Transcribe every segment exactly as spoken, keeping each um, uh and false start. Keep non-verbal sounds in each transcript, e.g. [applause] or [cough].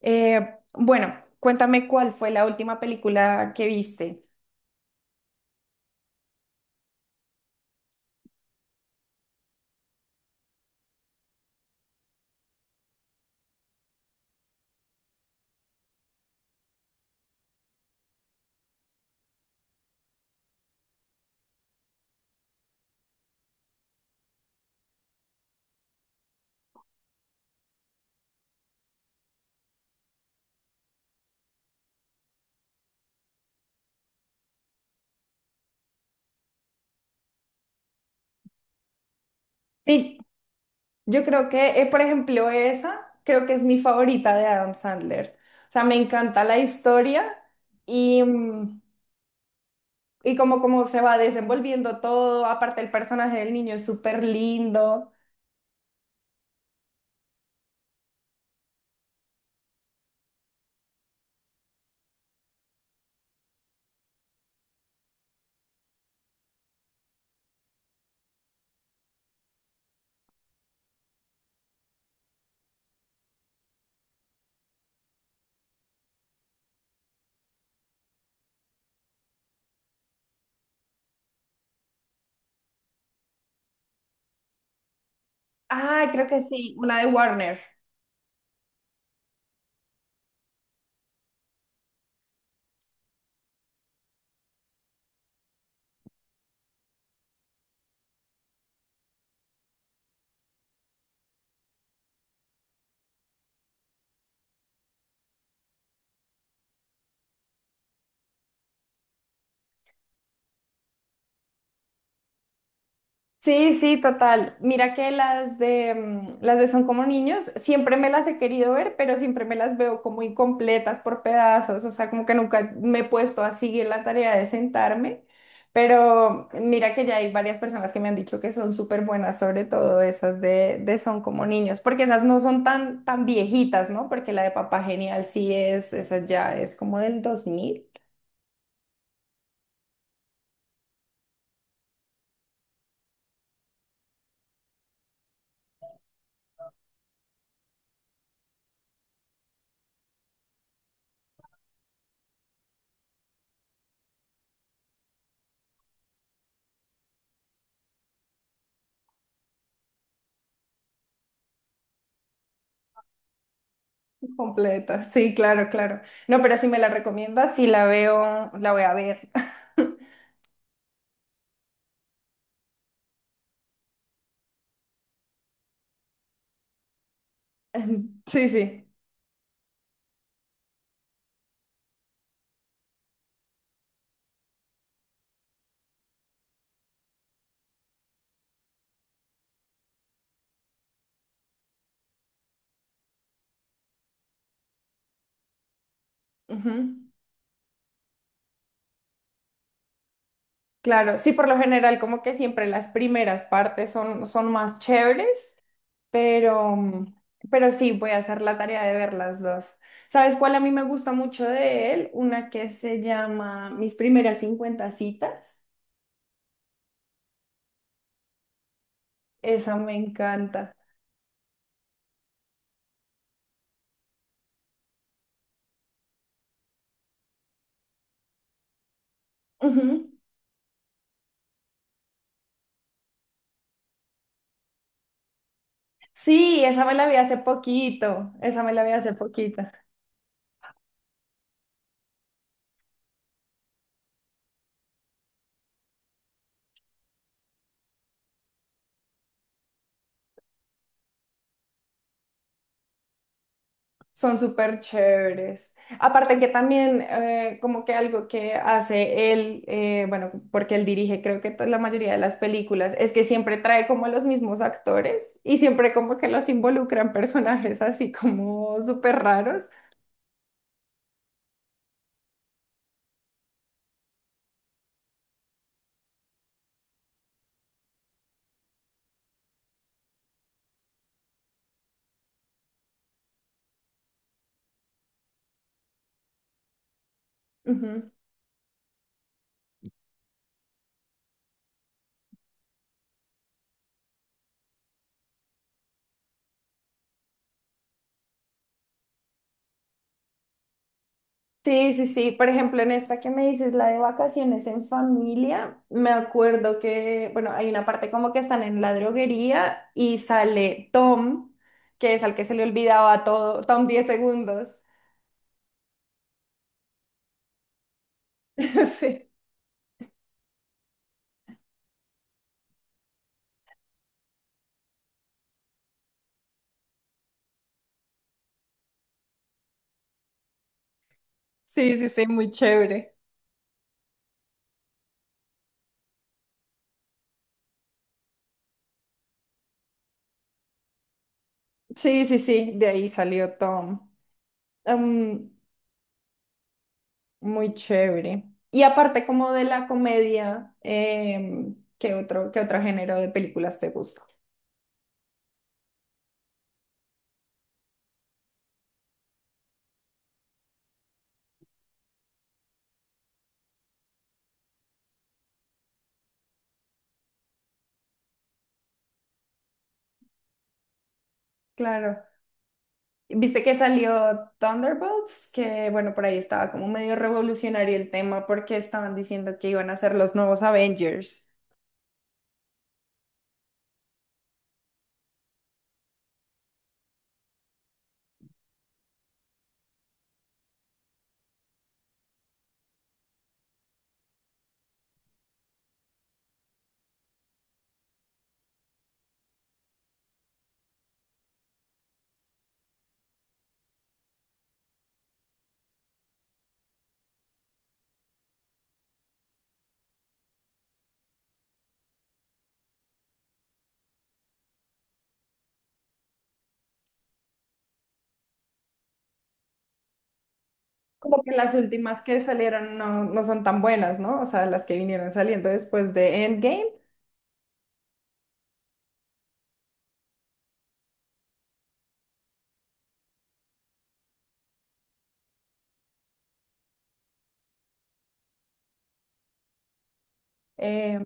Eh, bueno, cuéntame cuál fue la última película que viste. Sí, yo creo que, eh, por ejemplo, esa creo que es mi favorita de Adam Sandler. O sea, me encanta la historia y, mm, y como, como se va desenvolviendo todo. Aparte, el personaje del niño es súper lindo. Ah, creo que sí, una de Warner. Sí, sí, total. Mira que las de mm, las de Son como niños, siempre me las he querido ver, pero siempre me las veo como incompletas por pedazos, o sea, como que nunca me he puesto a seguir la tarea de sentarme, pero mira que ya hay varias personas que me han dicho que son súper buenas, sobre todo esas de, de Son como niños, porque esas no son tan, tan viejitas, ¿no? Porque la de Papá Genial sí es, esa ya es como del dos mil. Completa, sí, claro, claro. No, pero si me la recomiendas, si la veo, la voy a ver. [laughs] Sí, sí. Ujú. Claro, sí, por lo general, como que siempre las primeras partes son, son más chéveres, pero, mm, pero sí, voy a hacer la tarea de ver las dos. ¿Sabes cuál a mí me gusta mucho de él? Una que se llama Mis primeras cincuenta citas. Esa me encanta. Ujú. Sí, esa me la vi hace poquito, esa me la vi hace poquito. Son súper chéveres. Aparte que también eh, como que algo que hace él, eh, bueno, porque él dirige creo que to- la mayoría de las películas, es que siempre trae como a los mismos actores y siempre como que los involucran personajes así como súper raros. Ujú. Sí, sí, sí. Por ejemplo, en esta que me dices, la de Vacaciones en Familia, me acuerdo que, bueno, hay una parte como que están en la droguería y sale Tom, que es al que se le olvidaba todo, Tom diez segundos. [laughs] Sí, sí, sí, sí, muy chévere. Sí, sí, sí, de ahí salió Tom. Em, muy chévere. Y aparte como de la comedia, em, ¿qué otro, qué otro género de películas te gusta? Claro. Viste que salió Thunderbolts, que bueno, por ahí estaba como medio revolucionario el tema porque estaban diciendo que iban a ser los nuevos Avengers. Como que las últimas que salieron no, no son tan buenas, ¿no? O sea, las que vinieron saliendo después de Endgame. em,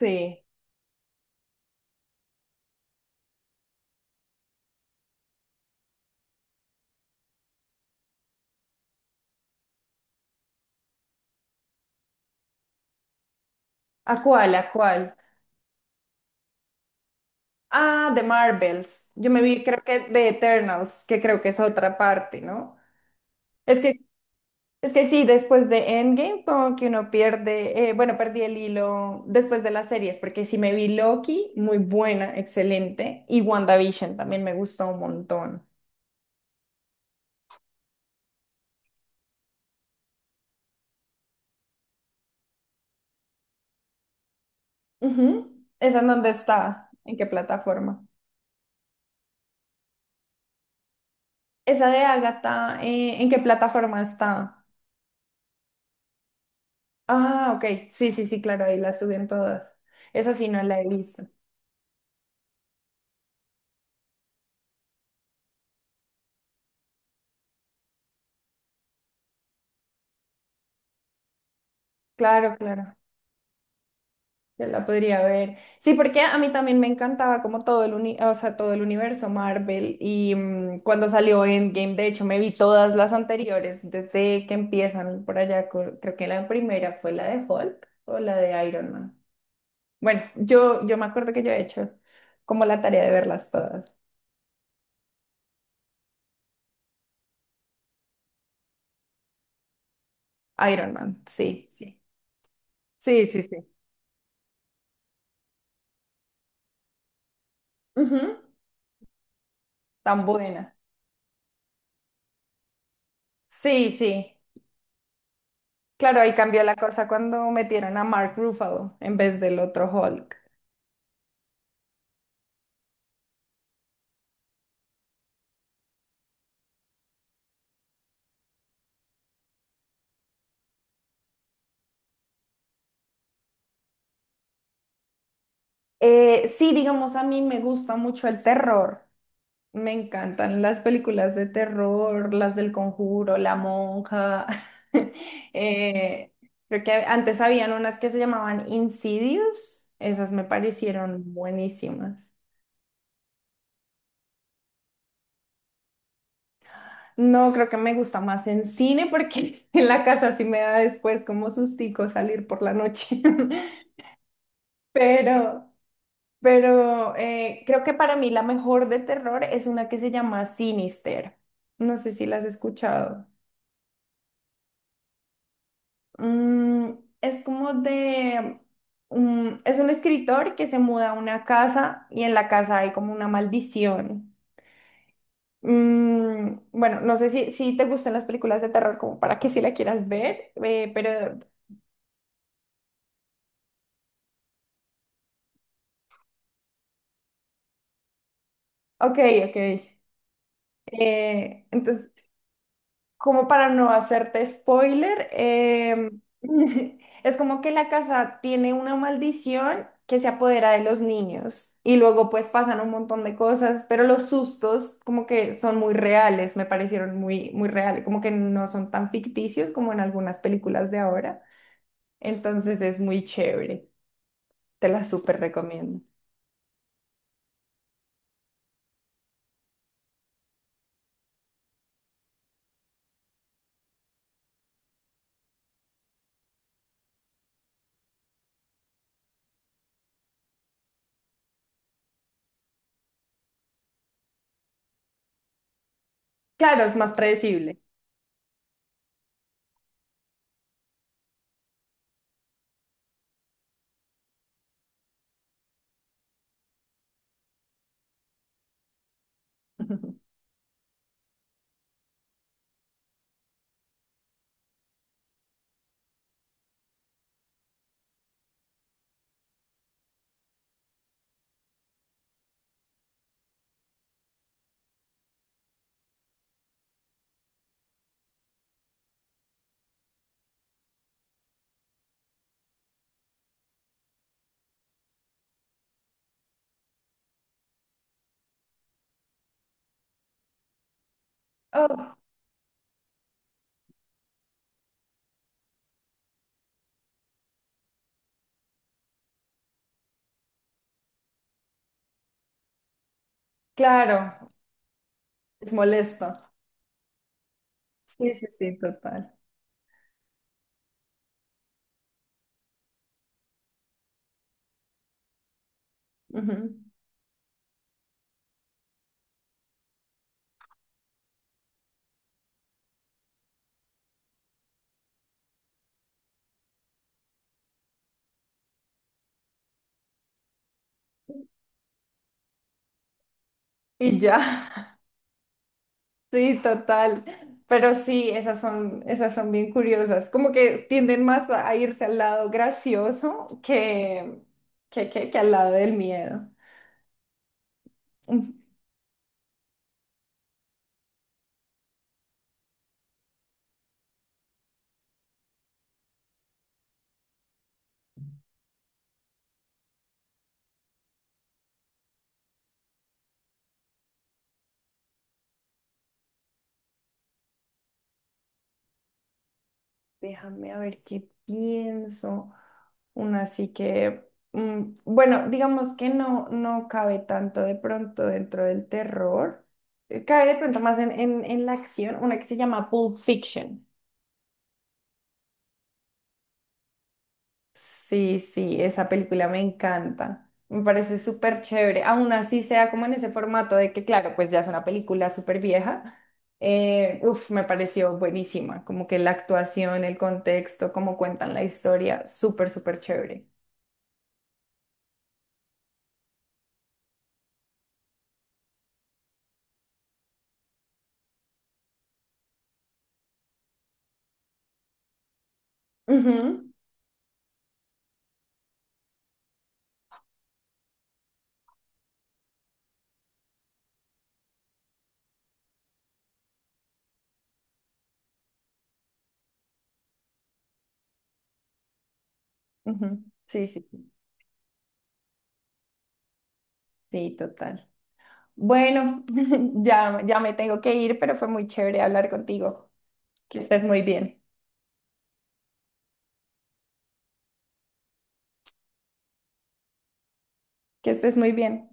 Sí. ¿A cuál? ¿A cuál? Ah, de Marvels. Yo me vi, creo que de Eternals, que creo que es otra parte, ¿no? Es que, es que sí, después de Endgame, como que uno pierde, eh, bueno, perdí el hilo después de las series, porque sí me vi Loki, muy buena, excelente, y WandaVision también me gustó un montón. Ujú. ¿Esa en dónde está? ¿En qué plataforma? Esa de Agatha, eh, ¿en qué plataforma está? Ah, ok. Sí, sí, sí, claro, ahí la suben todas. Esa sí no la he visto. Claro, claro, yo la podría ver. Sí, porque a mí también me encantaba como todo el uni- o sea, todo el universo Marvel y mm, cuando salió Endgame, de hecho me vi todas las anteriores desde que empiezan por allá, con- creo que la primera fue la de Hulk o la de Iron Man. Bueno, yo, yo me acuerdo que yo he hecho como la tarea de verlas todas. Iron Man, sí, sí. Sí, sí, sí. Ujú, tan buena. Sí, sí. Claro, ahí cambió la cosa cuando metieron a Mark Ruffalo en vez del otro Hulk. Eh, sí, digamos, a mí me gusta mucho el terror. Me encantan las películas de terror, las del Conjuro, La Monja. [laughs] Eh, creo que antes habían unas que se llamaban Insidious. Esas me parecieron buenísimas. No, creo que me gusta más en cine porque [laughs] en la casa sí me da después como sustico salir por la noche. [laughs] Pero... Pero eh, creo que para mí la mejor de terror es una que se llama Sinister. No sé si la has escuchado. Mm, es como de... un- es un escritor que se muda a una casa y en la casa hay como una maldición. Mm, bueno, no sé si, si te gustan las películas de terror como para que si la quieras ver, eh, pero... Ok, ok. Eh, entonces... como para no hacerte spoiler, eh, [laughs] es como que la casa tiene una maldición que se apodera de los niños y luego pues pasan un montón de cosas, pero los sustos como que son muy reales, me parecieron muy, muy reales, como que no son tan ficticios como en algunas películas de ahora. Entonces es muy chévere, te la súper recomiendo. Claro, es más predecible. [laughs] Oh, claro, es molesto. Sí, sí, sí, total. Ujú. Y ya. Sí, total. Pero sí, esas son, esas son bien curiosas. Como que tienden más a a irse al lado gracioso que, que, que, que al lado del miedo. Mm, Déjame a ver qué pienso. Una así que, mm, bueno, digamos que no, no cabe tanto de pronto dentro del terror. Eh, Cabe de pronto más en, en, en la acción, una que se llama Pulp Fiction. Sí, sí, esa película me encanta. Me parece súper chévere. Aún así sea como en ese formato de que, claro, pues ya es una película súper vieja. eh, uf, me pareció buenísima. Como que la actuación, el contexto, cómo cuentan la historia, súper, súper chévere. Ujú, ujú, sí, sí, sí, sí, total. Bueno, [laughs] ya, ya me tengo que ir, pero fue muy chévere hablar contigo. Que estés muy bien. Que estés muy bien.